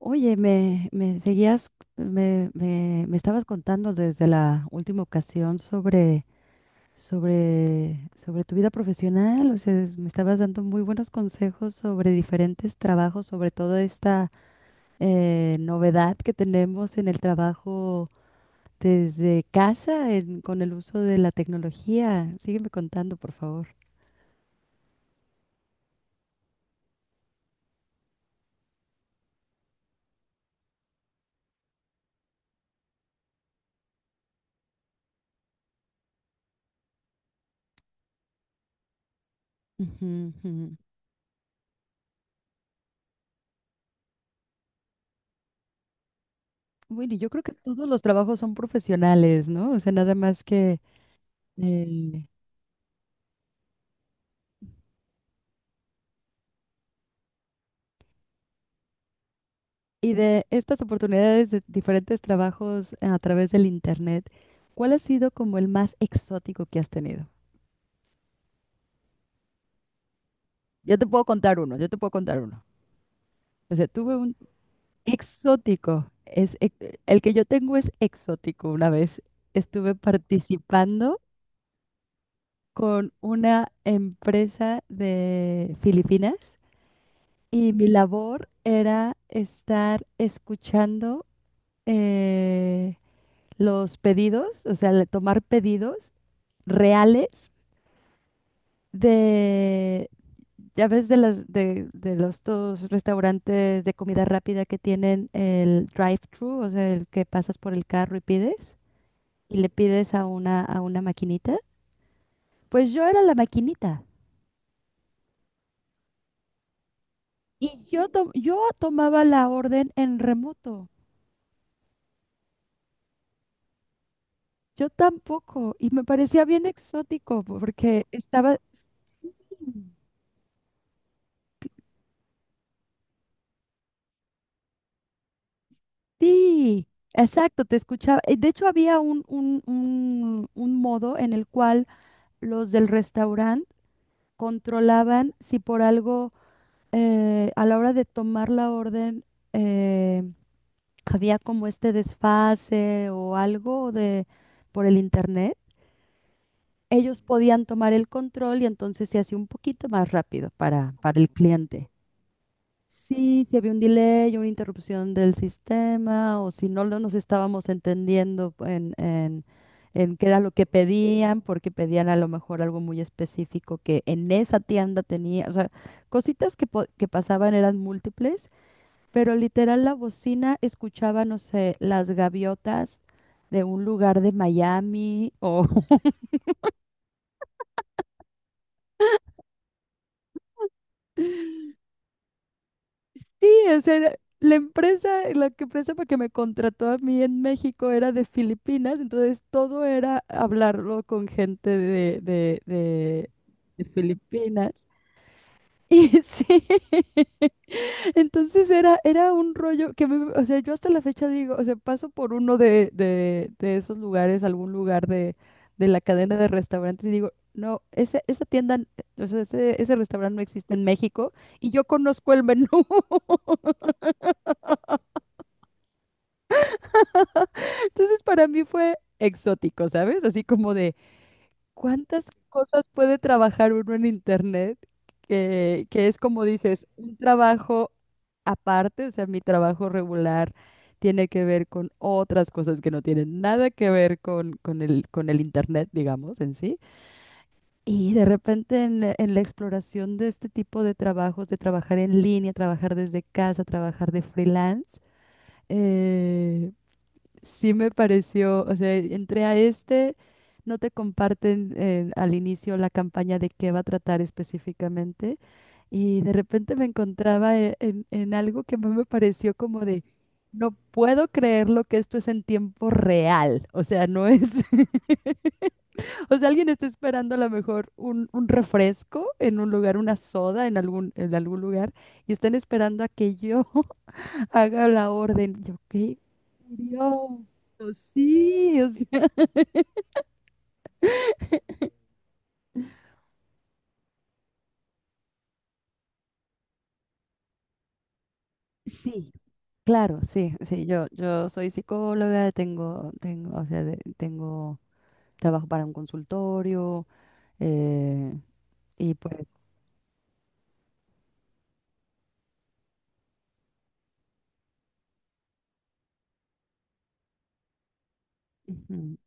Oye, me seguías, me estabas contando desde la última ocasión sobre tu vida profesional, o sea, me estabas dando muy buenos consejos sobre diferentes trabajos, sobre toda esta novedad que tenemos en el trabajo desde casa, con el uso de la tecnología. Sígueme contando, por favor. Ujú, ujú. Bueno, y yo creo que todos los trabajos son profesionales, ¿no? O sea, nada más que. eh, Y de estas oportunidades de diferentes trabajos a través del internet, ¿cuál ha sido como el más exótico que has tenido? Yo te puedo contar uno, yo te puedo contar uno. O sea, tuve un exótico. El que yo tengo es exótico. Una vez estuve participando con una empresa de Filipinas y mi labor era estar escuchando eh, los pedidos, o sea, tomar pedidos reales de, ya ves, de los dos restaurantes de comida rápida que tienen el drive-thru, o sea, el que pasas por el carro y pides, y le pides a una maquinita. Pues yo era la maquinita. Y yo tomaba la orden en remoto. Yo tampoco. Y me parecía bien exótico porque estaba. Sí, sí, exacto, te escuchaba. De hecho, había un modo en el cual los del restaurante controlaban si por algo a la hora de tomar la orden eh, había como este desfase o algo de por el internet. Ellos podían tomar el control y entonces se hacía un poquito más rápido para el cliente. Sí, si había un delay, una interrupción del sistema, o si no nos estábamos entendiendo en qué era lo que pedían, porque pedían a lo mejor algo muy específico que en esa tienda tenía, o sea, cositas que, que pasaban eran múltiples, pero literal la bocina escuchaba, no sé, las gaviotas de un lugar de Miami. Sí, o sea, la empresa, la que empresa para que me contrató a mí en México era de Filipinas, entonces todo era hablarlo con gente de Filipinas. Y sí, entonces era un rollo que me, o sea, yo hasta la fecha digo, o sea, paso por uno de esos lugares, algún lugar de la cadena de restaurantes y digo, no, esa tienda, o sea, ese restaurante no existe en México y yo conozco el menú. Entonces para mí fue exótico, ¿sabes? Así como de cuántas cosas puede trabajar uno en internet que es como dices, un trabajo aparte, o sea, mi trabajo regular tiene que ver con otras cosas que no tienen nada que ver con el internet, digamos, en sí. Y de repente en la exploración de este tipo de trabajos, de trabajar en línea, trabajar desde casa, trabajar de freelance, eh, sí me pareció, o sea, entré a este, no te comparten al inicio la campaña de qué va a tratar específicamente, y de repente me encontraba en algo que más me pareció como de, no puedo creerlo que esto es en tiempo real, o sea, no es, o sea, alguien está esperando a lo mejor un refresco en un lugar, una soda en algún lugar, y están esperando a que yo haga la orden. Yo, qué dios sí, o sea, sí, claro, sí, sí, yo soy psicóloga, tengo, o sea, trabajo para un consultorio, eh, y pues, ujú.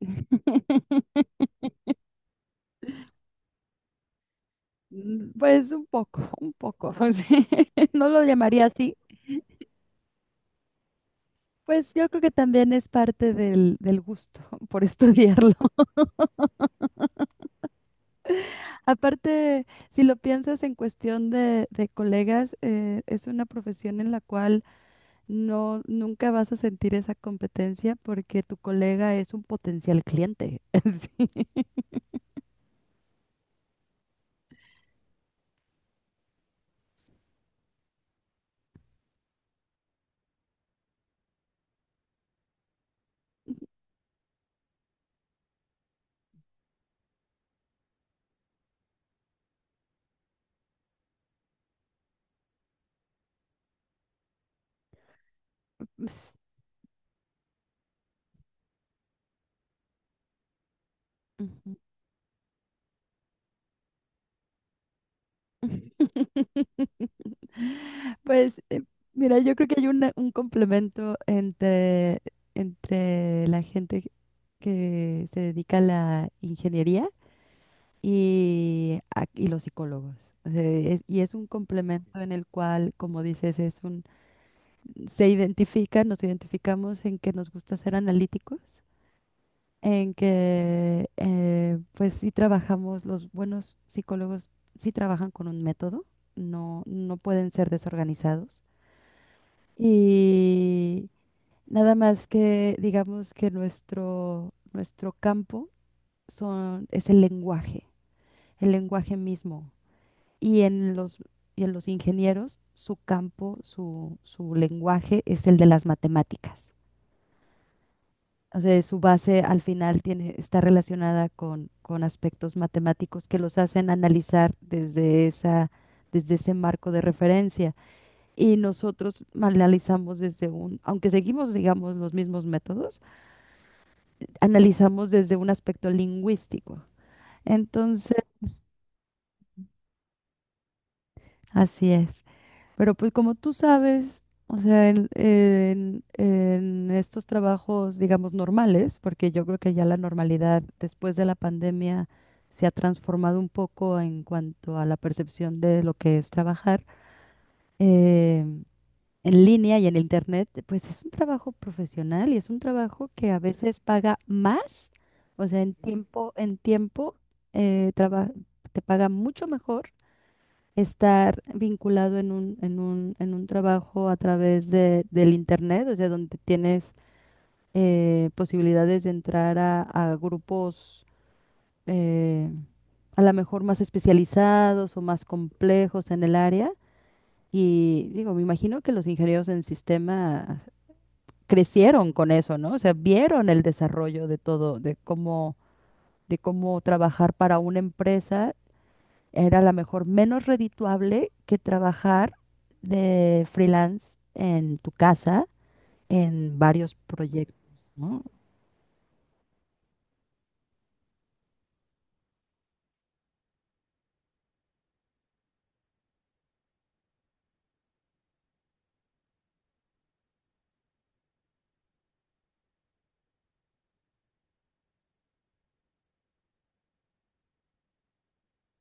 Mm, pues un poco, sí. No lo llamaría así. Pues yo creo que también es parte del gusto por estudiarlo. Aparte, si lo piensas en cuestión de colegas, es una profesión en la cual no, nunca vas a sentir esa competencia porque tu colega es un potencial cliente. Sí. Ps, Ujú. Pues mira, yo creo que hay un complemento entre la gente que se dedica a la ingeniería y los psicólogos. O sea, y es un complemento en el cual, como dices, es un, se identifican, nos identificamos en que nos gusta ser analíticos en que pues sí trabajamos, los buenos psicólogos sí trabajan con un método, no, no pueden ser desorganizados. Y nada más que digamos que nuestro campo es el lenguaje mismo. Y en los, y en los ingenieros, su campo, su lenguaje es el de las matemáticas. O sea, su base al final está relacionada con aspectos matemáticos que los hacen analizar desde ese marco de referencia. Y nosotros analizamos aunque seguimos, digamos, los mismos métodos, analizamos desde un aspecto lingüístico. Entonces, así es. Pero pues como tú sabes, o sea, en estos trabajos, digamos, normales, porque yo creo que ya la normalidad después de la pandemia se ha transformado un poco en cuanto a la percepción de lo que es trabajar eh, en línea y en internet, pues es un trabajo profesional y es un trabajo que a veces paga más, o sea, en tiempo, eh, traba- te paga mucho mejor estar vinculado en un trabajo a través del internet, o sea, donde tienes posibilidades de entrar a grupos eh, a lo mejor más especializados o más complejos en el área. Y digo, me imagino que los ingenieros en sistema crecieron con eso, ¿no? O sea, vieron el desarrollo de todo, de cómo trabajar para una empresa. Era a lo mejor menos redituable que trabajar de freelance en tu casa en varios proyectos, ¿no?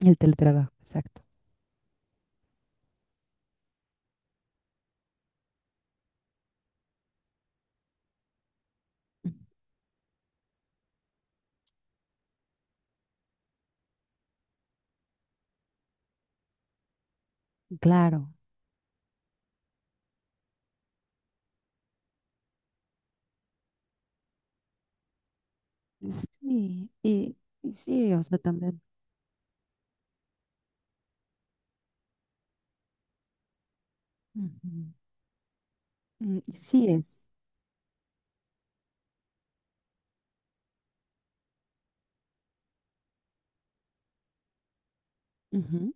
El teletrabajo, exacto. Claro. Sí, y sí, o sea, también. Ujú. Mm, sí es. Ujú.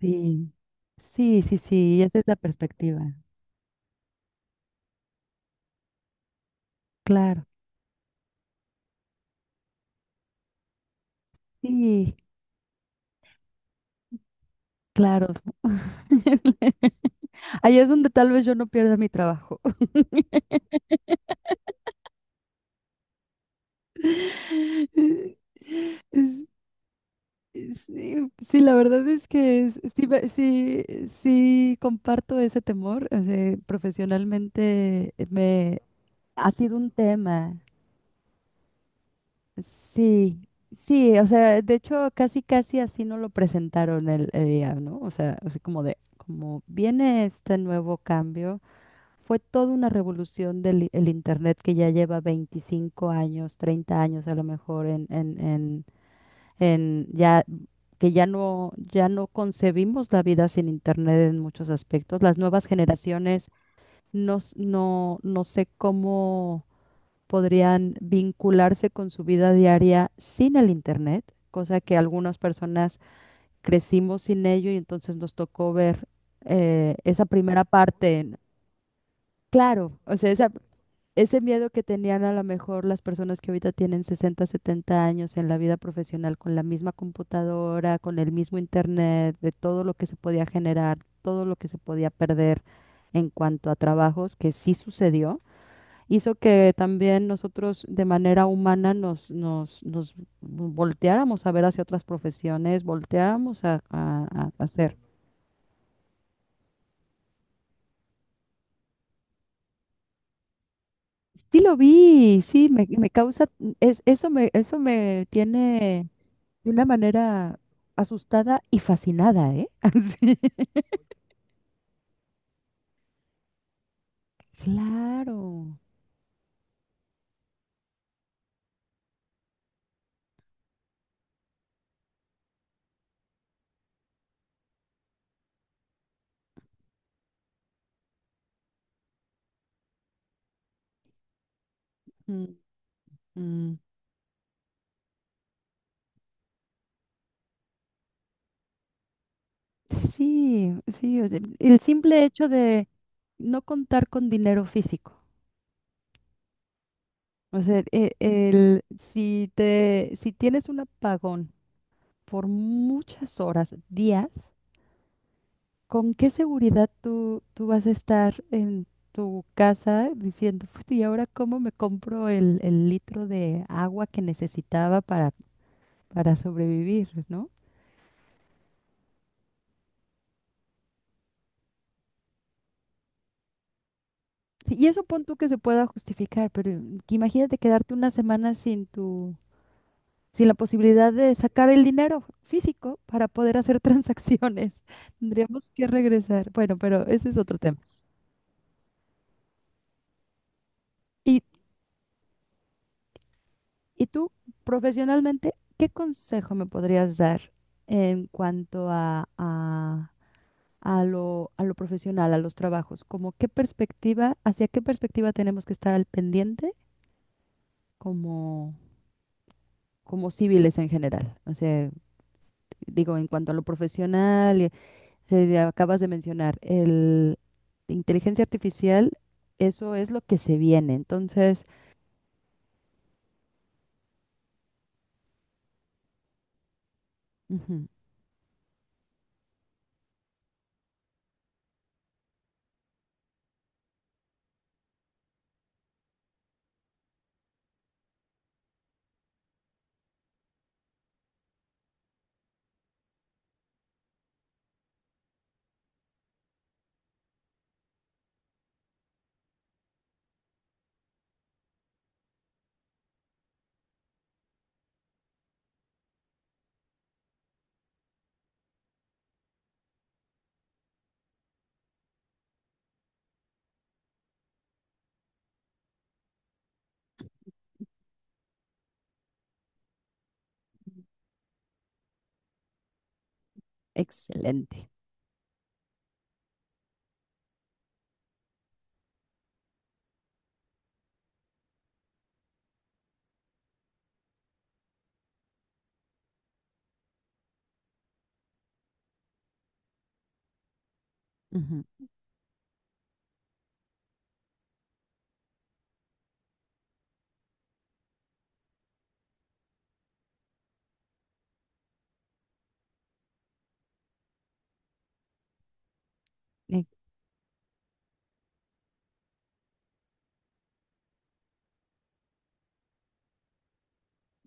Sí, sí, sí, sí, sí, esa es la perspectiva. Claro, sí, claro. Ahí es donde tal vez yo no pierda mi trabajo. Sí, sí, la verdad es que sí, sí comparto ese temor. O sea, profesionalmente me ha sido un tema. Sí, sí, o sea, de hecho casi casi así no lo presentaron el día, ¿no? O sea, así como como viene este nuevo cambio, fue toda una revolución del i- el Internet que ya lleva 25 años, 30 años a lo mejor en ya que ya no concebimos la vida sin internet en muchos aspectos. Las nuevas generaciones no sé cómo podrían vincularse con su vida diaria sin el internet, cosa que algunas personas crecimos sin ello y entonces nos tocó ver esa primera parte. Claro, o sea, ese miedo que tenían a lo mejor las personas que ahorita tienen 60 70 años en la vida profesional con la misma computadora, con el mismo internet, de todo lo que se podía generar, todo lo que se podía perder en cuanto a trabajos, que sí sucedió, hizo que también nosotros de manera humana nos volteáramos a ver hacia otras profesiones, volteáramos a hacer. Sí lo vi, sí, me causa, eso me tiene de una manera asustada y fascinada, ¿eh? Así. Claro. Mm, mm. Sí, sí, o sea, el simple hecho de no contar con dinero físico. O sea, e- el, si te, si tienes un apagón por muchas horas, días, ¿con qué seguridad tú vas a estar en tu casa diciendo, "Puta, ¿y ahora cómo me compro el litro de agua que necesitaba para sobrevivir, ¿no? Sí, y eso pon tú que se pueda justificar, pero que imagínate quedarte una semana sin la posibilidad de sacar el dinero físico para poder hacer transacciones. Tendríamos que regresar. Bueno, pero ese es otro tema. Y, y tú, profesionalmente, ¿qué consejo me podrías dar en cuanto a lo profesional, a los trabajos? Como qué perspectiva, hacia qué perspectiva tenemos que estar al pendiente como como civiles en general. O sea, digo, en cuanto a lo profesional, ya acabas de mencionar, el inteligencia artificial, eso es lo que se viene. Entonces, ujú, excelente. Ujú, eh,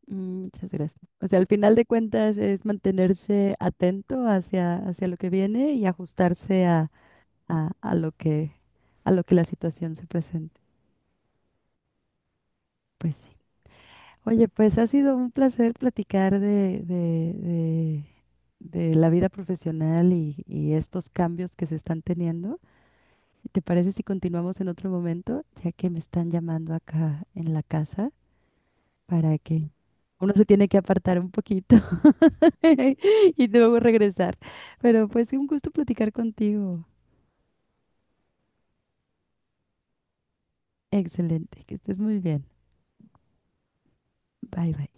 muchas gracias. O sea, al final de cuentas es mantenerse atento hacia lo que viene y ajustarse a, a lo que, a lo que la situación se presente. Pues sí. Oye, pues ha sido un placer platicar de la vida profesional y estos cambios que se están teniendo. ¿Te parece si continuamos en otro momento, ya que me están llamando acá en la casa para que uno se tiene que apartar un poquito y luego regresar? Pero pues un gusto platicar contigo. Excelente, que estés muy bien. Bye bye.